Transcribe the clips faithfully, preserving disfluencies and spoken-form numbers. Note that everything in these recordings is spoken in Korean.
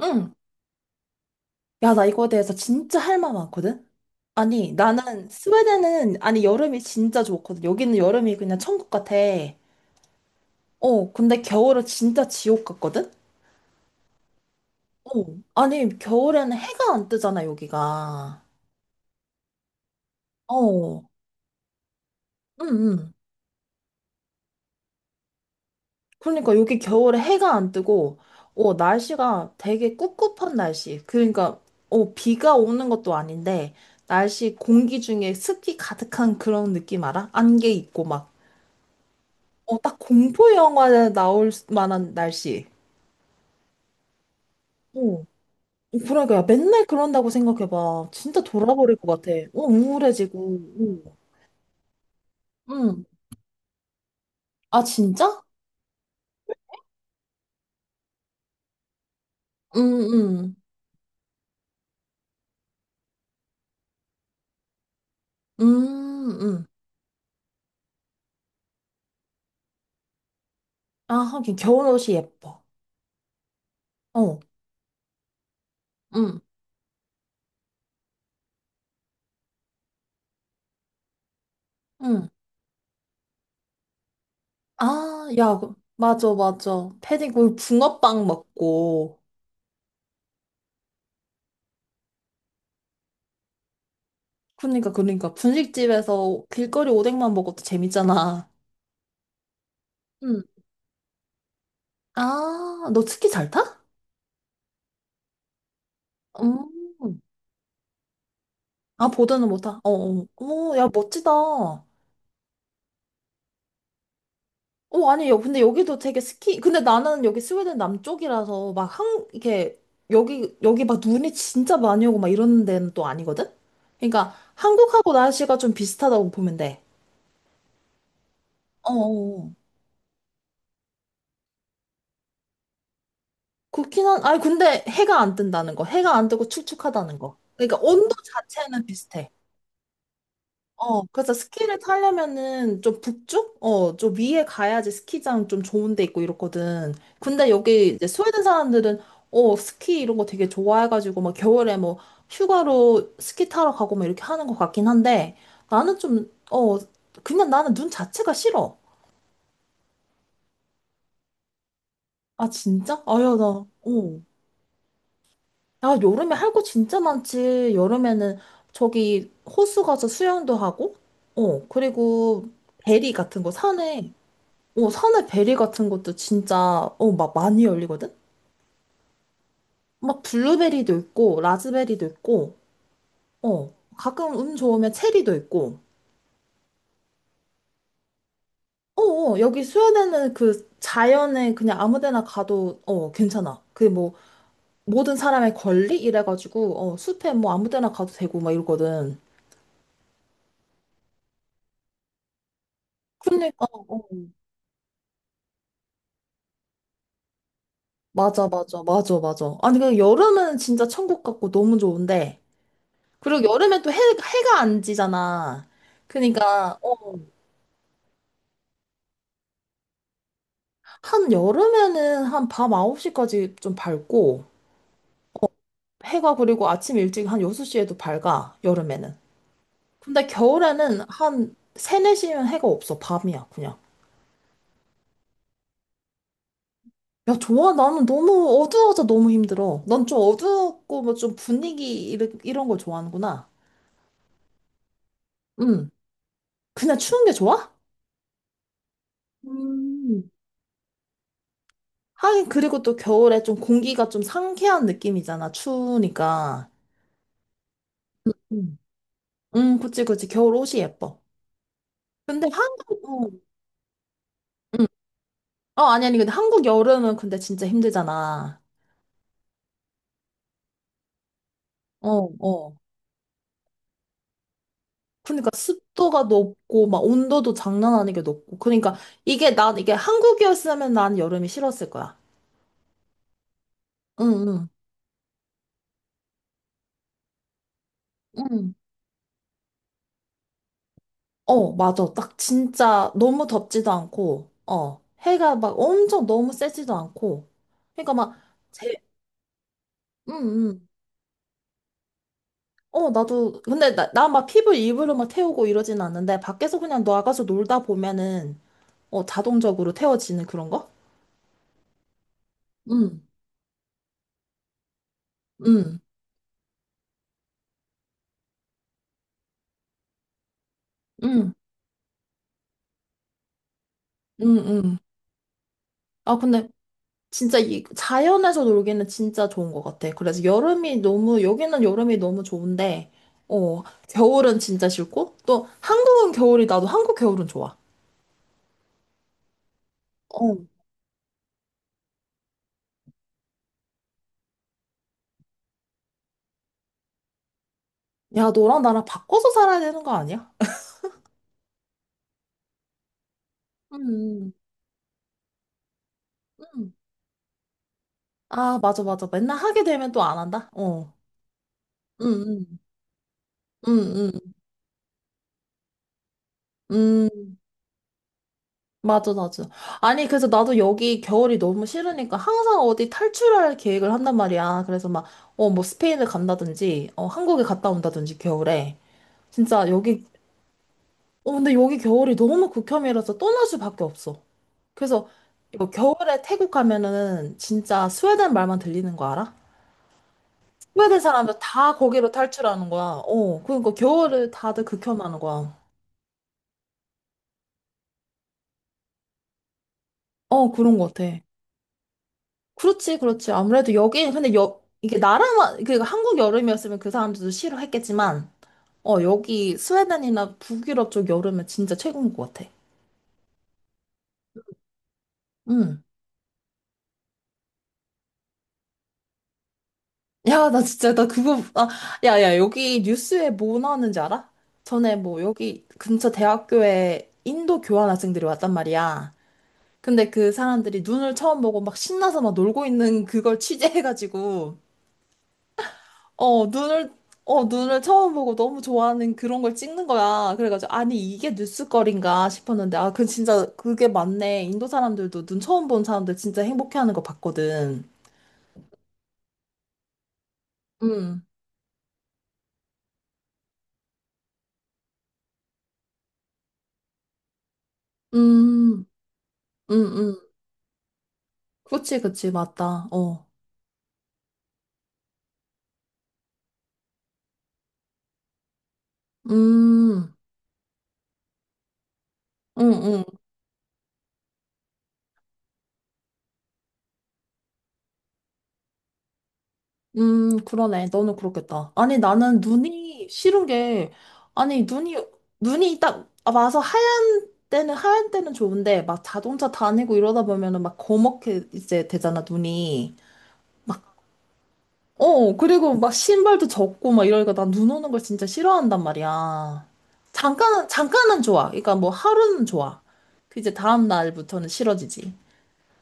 응. 야, 나 이거에 대해서 진짜 할 말 많거든? 아니, 나는 스웨덴은, 아니, 여름이 진짜 좋거든. 여기는 여름이 그냥 천국 같아. 어, 근데 겨울은 진짜 지옥 같거든? 어. 아니, 겨울에는 해가 안 뜨잖아, 여기가. 어. 응, 응. 그러니까 여기 겨울에 해가 안 뜨고, 어, 날씨가 되게 꿉꿉한 날씨. 그러니까, 어, 비가 오는 것도 아닌데, 날씨 공기 중에 습기 가득한 그런 느낌 알아? 안개 있고 막. 어, 딱 공포 영화에 나올 만한 날씨. 어. 어, 그러니까 야, 맨날 그런다고 생각해봐. 진짜 돌아버릴 것 같아. 어, 우울해지고. 어. 응. 아, 진짜? 응, 응. 음, 응. 아, 하긴 겨울옷이 예뻐. 어. 응, 응. 아, 야, 그- 맞아, 맞아. 패딩, 그 붕어빵 먹고. 그러니까, 그러니까. 분식집에서 길거리 오뎅만 먹어도 재밌잖아. 응. 아, 너 스키 잘 타? 음. 아, 보드는 못하. 어, 어. 어, 야, 멋지다. 어, 아니, 여, 근데 여기도 되게 스키, 근데 나는 여기 스웨덴 남쪽이라서 막 한, 이렇게, 여기, 여기 막 눈이 진짜 많이 오고 막 이런 데는 또 아니거든? 그러니까 한국하고 날씨가 좀 비슷하다고 보면 돼. 어, 어. 어. 그렇긴 한, 아니, 근데 해가 안 뜬다는 거. 해가 안 뜨고 축축하다는 거. 그러니까 온도 자체는 비슷해. 어, 그래서 스키를 타려면은 좀 북쪽? 어, 좀 위에 가야지 스키장 좀 좋은 데 있고 이렇거든. 근데 여기 이제 스웨덴 사람들은 어, 스키 이런 거 되게 좋아해가지고 막 겨울에 뭐 휴가로 스키 타러 가고 막 이렇게 하는 것 같긴 한데 나는 좀, 어, 그냥 나는 눈 자체가 싫어. 아, 진짜? 아유, 나, 어. 야, 여름에 할 거 진짜 많지. 여름에는 저기 호수 가서 수영도 하고, 어, 그리고 베리 같은 거 산에 어, 산에 베리 같은 것도 진짜, 어, 막 많이 열리거든? 막 블루베리도 있고, 라즈베리도 있고, 어, 가끔 운 좋으면 체리도 있고, 어, 어, 여기 스웨덴은 그 자연에 그냥 아무 데나 가도, 어, 괜찮아. 그 뭐, 모든 사람의 권리? 이래가지고, 어, 숲에 뭐 아무 데나 가도 되고, 막 이러거든. 그러니까, 어, 맞아, 맞아, 맞아, 맞아. 아니, 그 여름은 진짜 천국 같고 너무 좋은데, 그리고 여름엔 또 해, 해가 안 지잖아. 그니까, 러 한 여름에는 한 밤 아홉 시까지 좀 밝고, 해가 그리고 아침 일찍 한 여섯 시에도 밝아, 여름에는. 근데 겨울에는 한 세, 네 시면 해가 없어, 밤이야, 그냥. 야, 좋아. 나는 너무 어두워서 너무 힘들어. 넌 좀 어두웠고, 뭐 좀 분위기 이런, 이런 걸 좋아하는구나. 응. 그냥 추운 게 좋아? 음. 하긴, 그리고 또 겨울에 좀 공기가 좀 상쾌한 느낌이잖아, 추우니까. 응, 음. 음, 그치, 그치. 겨울 옷이 예뻐. 근데 한국, 어, 응. 어, 아니, 아니, 근데 한국 여름은 근데 진짜 힘들잖아. 어, 어. 그러니까 습도가 높고, 막 온도도 장난 아니게 높고. 그러니까 이게 난, 이게 한국이었으면 난 여름이 싫었을 거야. 응, 응, 응. 어, 맞아. 딱 진짜 너무 덥지도 않고, 어. 해가 막 엄청 너무 세지도 않고. 그러니까 막, 제, 응, 응. 어, 나도, 근데 나, 나 막 피부 일부러 막 태우고 이러진 않는데, 밖에서 그냥 나가서 놀다 보면은, 어, 자동적으로 태워지는 그런 거? 응. 응, 응, 응, 응. 아, 근데 진짜 이 자연에서 놀기는 진짜 좋은 것 같아. 그래서 여름이 너무, 여기는 여름이 너무 좋은데, 어, 겨울은 진짜 싫고, 또 한국은 겨울이, 나도 한국 겨울은 좋아. 어. 야, 너랑 나랑 바꿔서 살아야 되는 거 아니야? 응, 응. 아, 맞아, 맞아. 맨날 하게 되면 또 안 한다? 어. 응, 응, 응, 응. 응. 맞아, 맞아. 아니, 그래서 나도 여기 겨울이 너무 싫으니까 항상 어디 탈출할 계획을 한단 말이야. 그래서 막, 어, 뭐 스페인을 간다든지, 어, 한국에 갔다 온다든지, 겨울에. 진짜 여기, 어, 근데 여기 겨울이 너무 극혐이라서 떠날 수밖에 없어. 그래서 이거 겨울에 태국 가면은 진짜 스웨덴 말만 들리는 거 알아? 스웨덴 사람들 다 거기로 탈출하는 거야. 어, 그러니까 겨울을 다들 극혐하는 거야. 어, 그런 것 같아. 그렇지, 그렇지. 아무래도 여기, 근데 여, 이게 나라만, 그 한국 여름이었으면 그 사람들도 싫어했겠지만, 어, 여기 스웨덴이나 북유럽 쪽 여름은 진짜 최고인 것 같아. 응. 야, 나 진짜, 나 그거, 아, 야, 야, 여기 뉴스에 뭐 나왔는지 알아? 전에 뭐 여기 근처 대학교에 인도 교환 학생들이 왔단 말이야. 근데 그 사람들이 눈을 처음 보고 막 신나서 막 놀고 있는 그걸 취재해가지고, 어, 눈을, 어, 눈을 처음 보고 너무 좋아하는 그런 걸 찍는 거야. 그래가지고, 아니, 이게 뉴스거리인가 싶었는데, 아, 그 진짜 그게 맞네. 인도 사람들도 눈 처음 본 사람들 진짜 행복해하는 거 봤거든. 음, 음, 음, 음. 그치, 그치, 맞다. 어. 음, 응응 음, 그러네. 너는 그렇겠다. 아니, 나는 눈이 싫은 게, 아니, 눈이, 눈이 딱 와서 하얀 때는, 하얀 때는 좋은데, 막 자동차 다니고 이러다 보면은 막 거먹게 이제 되잖아, 눈이. 어, 그리고 막 신발도 젖고 막 이러니까 난 눈 오는 걸 진짜 싫어한단 말이야. 잠깐은, 잠깐은 좋아. 그러니까 뭐 하루는 좋아. 그 이제 다음 날부터는 싫어지지.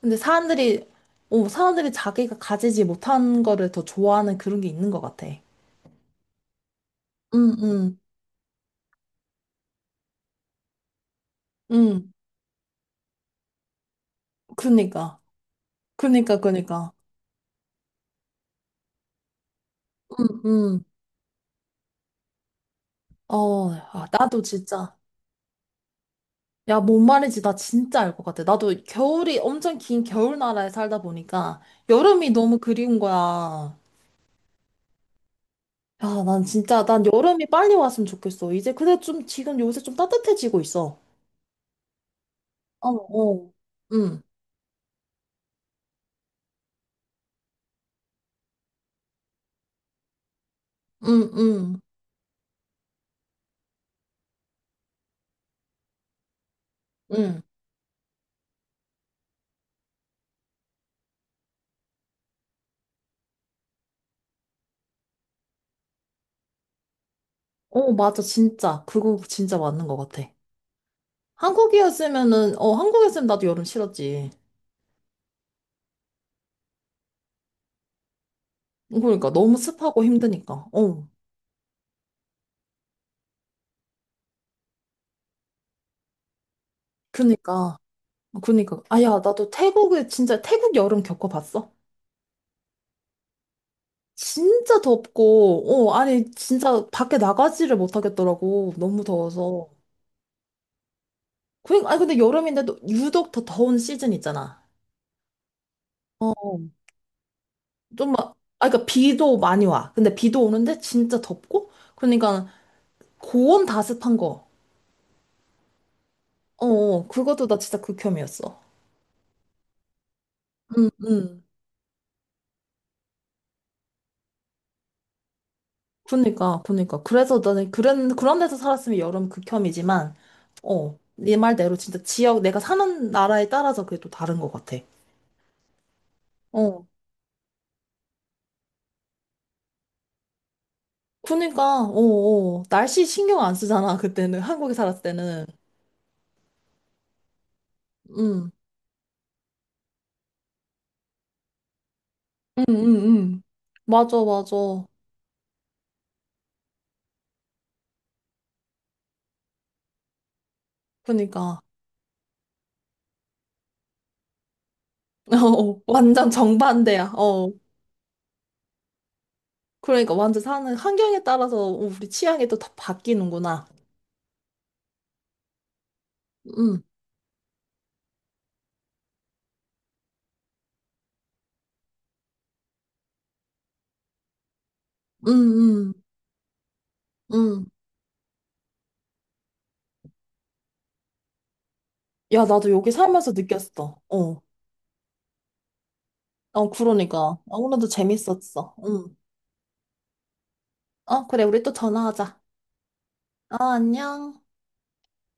근데 사람들이, 어, 사람들이 자기가 가지지 못한 거를 더 좋아하는 그런 게 있는 것 같아. 응, 응, 응. 그니까. 그니까, 그니까. 응, 응. 어, 아, 나도 진짜. 야, 뭔 말인지 나 진짜 알 것 같아. 나도 겨울이 엄청 긴 겨울 나라에 살다 보니까 여름이 너무 그리운 거야. 야, 난 진짜, 난 여름이 빨리 왔으면 좋겠어. 이제 근데 좀 지금 요새 좀 따뜻해지고 있어. 어, 어. 응, 응, 응, 응. 어, 맞아. 진짜. 그거 진짜 맞는 것 같아. 한국이었으면은, 어, 한국이었으면 나도 여름 싫었지. 그러니까 너무 습하고 힘드니까. 어. 그니까. 그니까. 아, 야, 나도 태국에 진짜 태국 여름 겪어봤어. 진짜 덥고, 어, 아니, 진짜 밖에 나가지를 못하겠더라고. 너무 더워서. 그니까, 아니, 근데 여름인데도 유독 더 더운 시즌 있잖아. 어. 좀 막, 아, 그니까 비도 많이 와. 근데 비도 오는데 진짜 덥고, 그러니까 고온 다습한 거. 어, 어, 그것도 나 진짜 극혐이었어. 응, 응. 그니까, 그니까. 그래서 나는 그런, 그런 데서 살았으면 여름 극혐이지만, 어, 네 말대로 진짜 지역, 내가 사는 나라에 따라서 그게 또 다른 것 같아. 어. 그니까, 어, 어. 날씨 신경 안 쓰잖아, 그때는. 한국에 살았을 때는. 음. 응, 응, 응. 응. 맞아, 맞아. 그니까. 어, 완전 정반대야. 어. 그러니까 완전 사는 환경에 따라서 우리 취향이 또 다 바뀌는구나. 응, 응, 응, 응. 야, 나도 여기 살면서 느꼈어. 어. 어, 그러니까. 어, 오늘도 재밌었어. 응. 어, 그래, 우리 또 전화하자. 어, 안녕.